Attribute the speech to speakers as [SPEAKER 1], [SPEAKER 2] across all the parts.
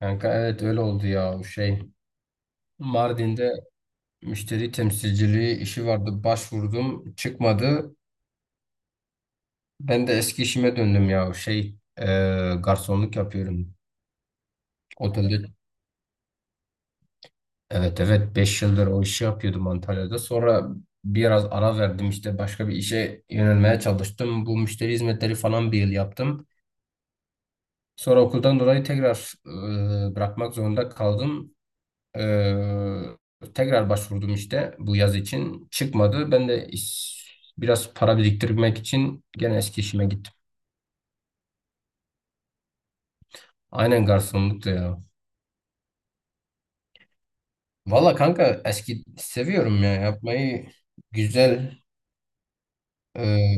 [SPEAKER 1] Kanka, evet, öyle oldu ya, o şey. Mardin'de müşteri temsilciliği işi vardı. Başvurdum, çıkmadı. Ben de eski işime döndüm ya, o şey. Garsonluk yapıyorum. Otelde, evet evet, 5 yıldır o işi yapıyordum Antalya'da. Sonra biraz ara verdim, işte başka bir işe yönelmeye çalıştım. Bu müşteri hizmetleri falan 1 yıl yaptım. Sonra okuldan dolayı tekrar bırakmak zorunda kaldım. Tekrar başvurdum işte bu yaz için. Çıkmadı. Ben de biraz para biriktirmek için gene eski işime gittim. Aynen, garsonluktu ya. Valla kanka, eski seviyorum ya yapmayı, güzel. Ee,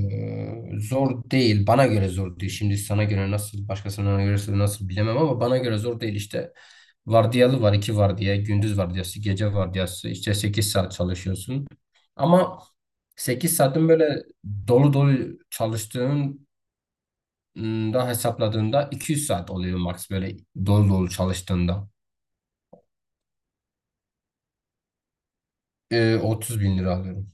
[SPEAKER 1] Zor değil. Bana göre zor değil. Şimdi sana göre nasıl, başkasına göre nasıl bilemem ama bana göre zor değil. İşte vardiyalı var, 2 vardiya: gündüz vardiyası, gece vardiyası. İşte 8 saat çalışıyorsun. Ama 8 saatin böyle dolu dolu çalıştığın da hesapladığında 200 saat oluyor max, böyle dolu dolu çalıştığında. 30 bin lira alıyorum.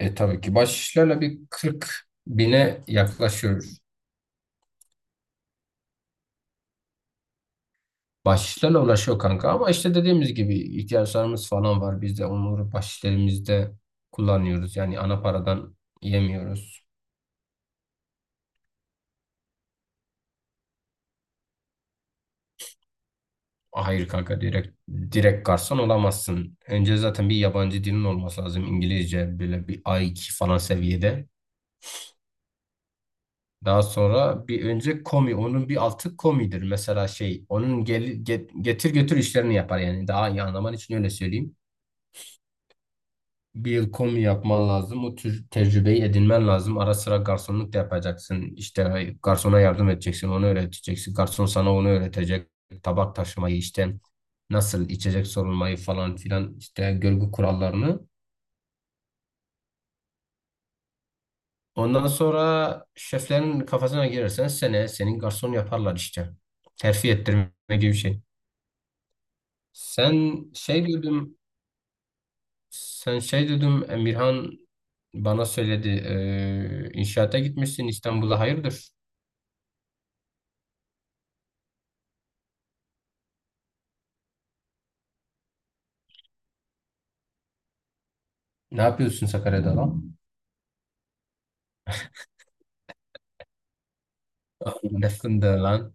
[SPEAKER 1] E tabii ki bir 40 bine yaklaşıyor. Bahşişlerle uğraşıyor kanka ama işte dediğimiz gibi ihtiyaçlarımız falan var. Biz de onları bahşişlerimizde kullanıyoruz. Yani ana paradan yemiyoruz. Hayır kanka, direkt garson olamazsın. Önce zaten bir yabancı dilin olması lazım. İngilizce böyle bir a iki falan seviyede. Daha sonra bir önce komi, onun bir altı komidir. Mesela şey onun getir götür işlerini yapar yani. Daha iyi anlaman için öyle söyleyeyim. 1 yıl komi yapman lazım. O tür tecrübeyi edinmen lazım. Ara sıra garsonluk da yapacaksın. İşte garsona yardım edeceksin. Onu öğreteceksin. Garson sana onu öğretecek. Tabak taşımayı, işte nasıl içecek sorulmayı falan filan, işte görgü kurallarını. Ondan sonra şeflerin kafasına girersen seneye senin garson yaparlar işte. Terfi ettirme gibi bir şey. Sen şey dedim, sen şey dedim, Emirhan bana söyledi. İnşaata gitmişsin İstanbul'a, hayırdır? Ne yapıyorsun Sakarya'da lan? Nesin de lan?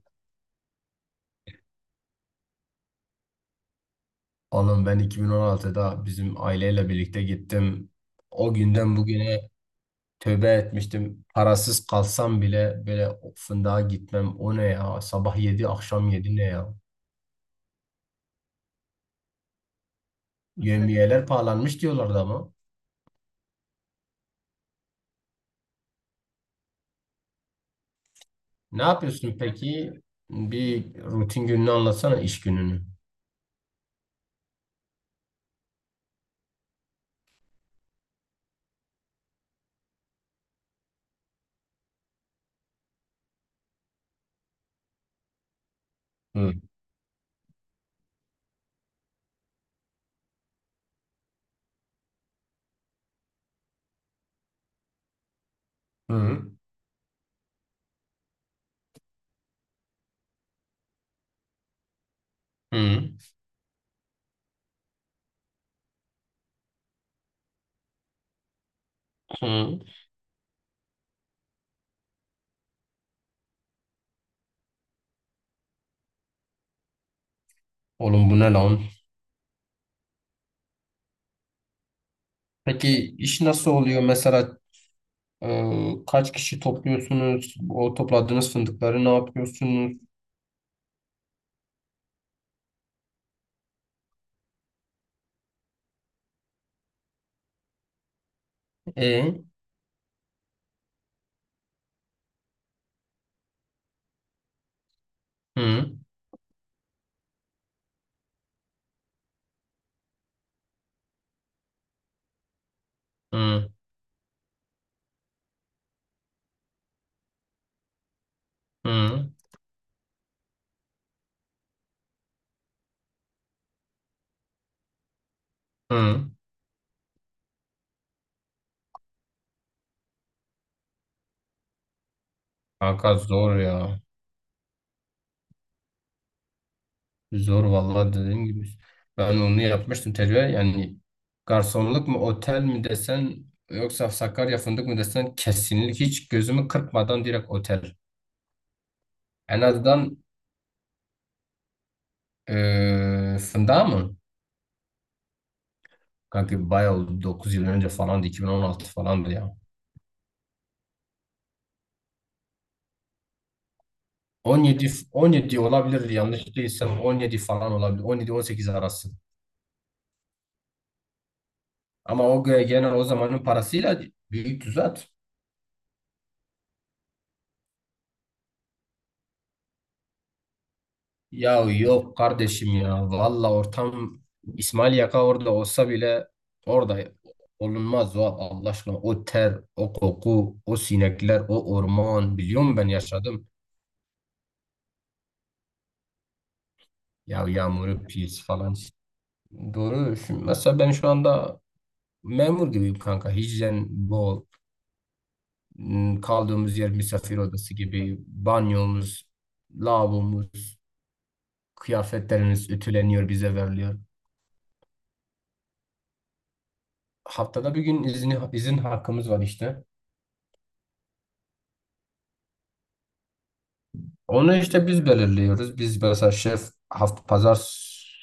[SPEAKER 1] Oğlum, ben 2016'da bizim aileyle birlikte gittim. O günden bugüne tövbe etmiştim. Parasız kalsam bile böyle, "O fındığa gitmem. O ne ya? Sabah 7 akşam yedi, ne ya?" Yevmiyeler pahalanmış diyorlardı ama. Ne yapıyorsun peki? Bir rutin gününü anlatsana, iş gününü. Hı. Hı. Hı. Hı. Oğlum bu ne lan? Peki iş nasıl oluyor? Mesela, kaç kişi topluyorsunuz? O topladığınız fındıkları ne yapıyorsunuz? E, hı, hı, hı, hı. Kanka zor ya. Zor vallahi, dediğim gibi. Ben onu yapmıştım, tecrübe. Yani garsonluk mu, otel mi desen yoksa Sakarya fındık mı desen, kesinlikle hiç gözümü kırpmadan direkt otel. En azından, fındığa mı? Kanka bayağı oldu. 9 yıl önce falandı. 2016 falandı ya. 17 17 olabilir, yanlış değilsem 17 falan olabilir. 17-18 arası. Ama o genel o zamanın parasıyla büyük düzelt. Ya yok kardeşim ya. Valla ortam, İsmail Yaka orada olsa bile orada olunmaz o, Allah aşkına. O ter, o koku, o sinekler, o orman. Biliyor musun, ben yaşadım. Ya yağmuru pis falan. Doğru. Şimdi mesela ben şu anda memur gibiyim kanka. Hijyen bol. Hmm. Kaldığımız yer misafir odası gibi. Banyomuz, lavabomuz, kıyafetlerimiz ütüleniyor, bize veriliyor. Haftada bir gün izni, izin hakkımız var işte. Onu işte biz belirliyoruz. Biz mesela şef hafta pazar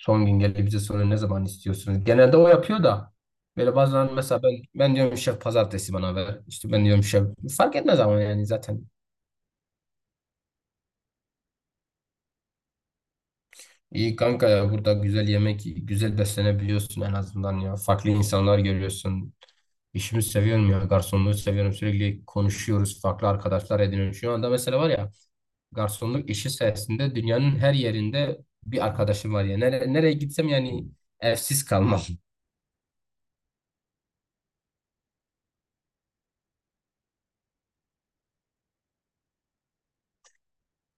[SPEAKER 1] son gün gelip bize soruyor ne zaman istiyorsunuz. Genelde o yapıyor da böyle bazen mesela ben diyorum şef pazartesi bana ver. İşte ben diyorum şef fark etmez, ama yani zaten. İyi kanka ya, burada güzel yemek, güzel beslenebiliyorsun en azından ya. Farklı insanlar görüyorsun. İşimi seviyorum ya. Garsonluğu seviyorum. Sürekli konuşuyoruz. Farklı arkadaşlar ediniyorum. Şu anda mesela var ya, garsonluk işi sayesinde dünyanın her yerinde bir arkadaşım var ya. Nere, nereye gitsem yani evsiz kalmam.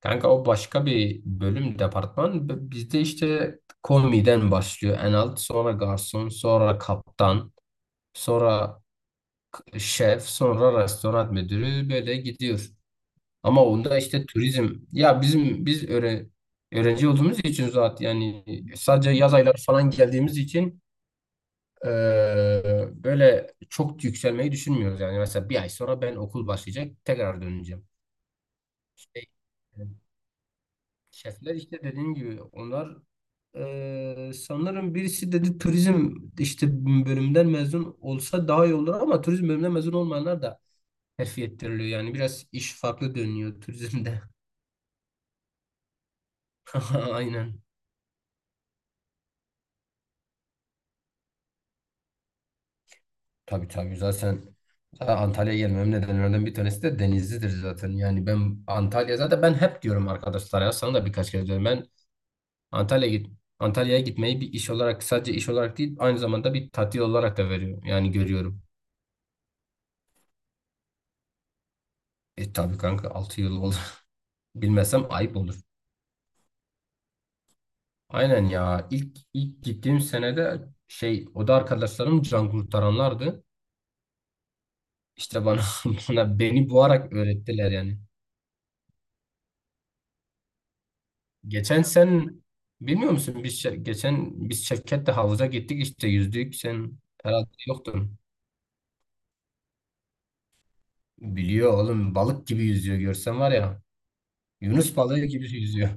[SPEAKER 1] Kanka o başka bir bölüm, departman. Bizde işte komiden başlıyor en alt. Sonra garson, sonra kaptan. Sonra şef, sonra restoran müdürü, böyle gidiyor. Ama onda işte turizm ya, bizim biz öğrenci olduğumuz için zaten yani sadece yaz ayları falan geldiğimiz için böyle çok yükselmeyi düşünmüyoruz. Yani mesela 1 ay sonra ben okul başlayacak, tekrar döneceğim. Şey, e, Şefler işte dediğim gibi onlar, sanırım birisi dedi turizm işte bölümden mezun olsa daha iyi olur ama turizm bölümünden mezun olmayanlar da terfi ettiriliyor. Yani biraz iş farklı dönüyor turizmde. Aynen. Tabii tabii, zaten Antalya'ya gelmemin nedenlerden bir tanesi de Denizli'dir zaten. Yani ben Antalya, zaten ben hep diyorum arkadaşlar ya, sana da birkaç kere diyorum. Ben Antalya'ya Antalya'ya gitmeyi bir iş olarak, sadece iş olarak değil aynı zamanda bir tatil olarak da veriyorum. Yani görüyorum. E tabii kanka, 6 yıl oldu. Bilmesem ayıp olur. Aynen ya. İlk gittiğim senede şey, o da arkadaşlarım can kurtaranlardı. İşte bana bana beni boğarak öğrettiler yani. Geçen sen bilmiyor musun, biz geçen biz Şevket'le havuza gittik işte, yüzdük, sen herhalde yoktun. Biliyor oğlum, balık gibi yüzüyor, görsen var ya. Yunus balığı gibi yüzüyor.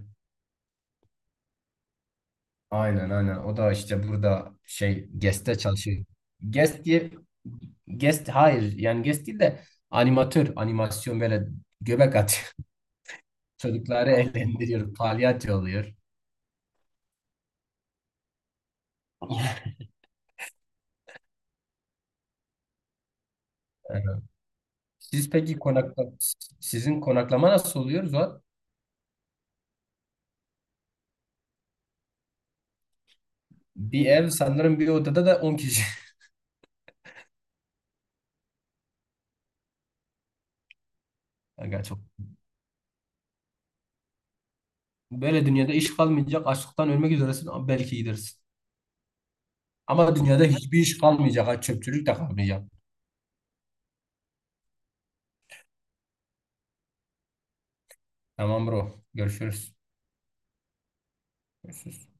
[SPEAKER 1] Aynen aynen, o da işte burada şey GES'te çalışıyor. GES diye, GES hayır yani GES değil de animatör, animasyon, böyle göbek atıyor. Çocukları eğlendiriyor, palyaço oluyor. Siz peki konakla Sizin konaklama nasıl oluyor Zuhat? Bir ev sanırım, bir odada da 10 kişi. Aga çok. Böyle dünyada iş kalmayacak. Açlıktan ölmek üzeresin ama belki gidersin. Ama dünyada hiçbir iş kalmayacak. Ha, çöpçülük de kalmayacak. Tamam bro. Görüşürüz. Görüşürüz.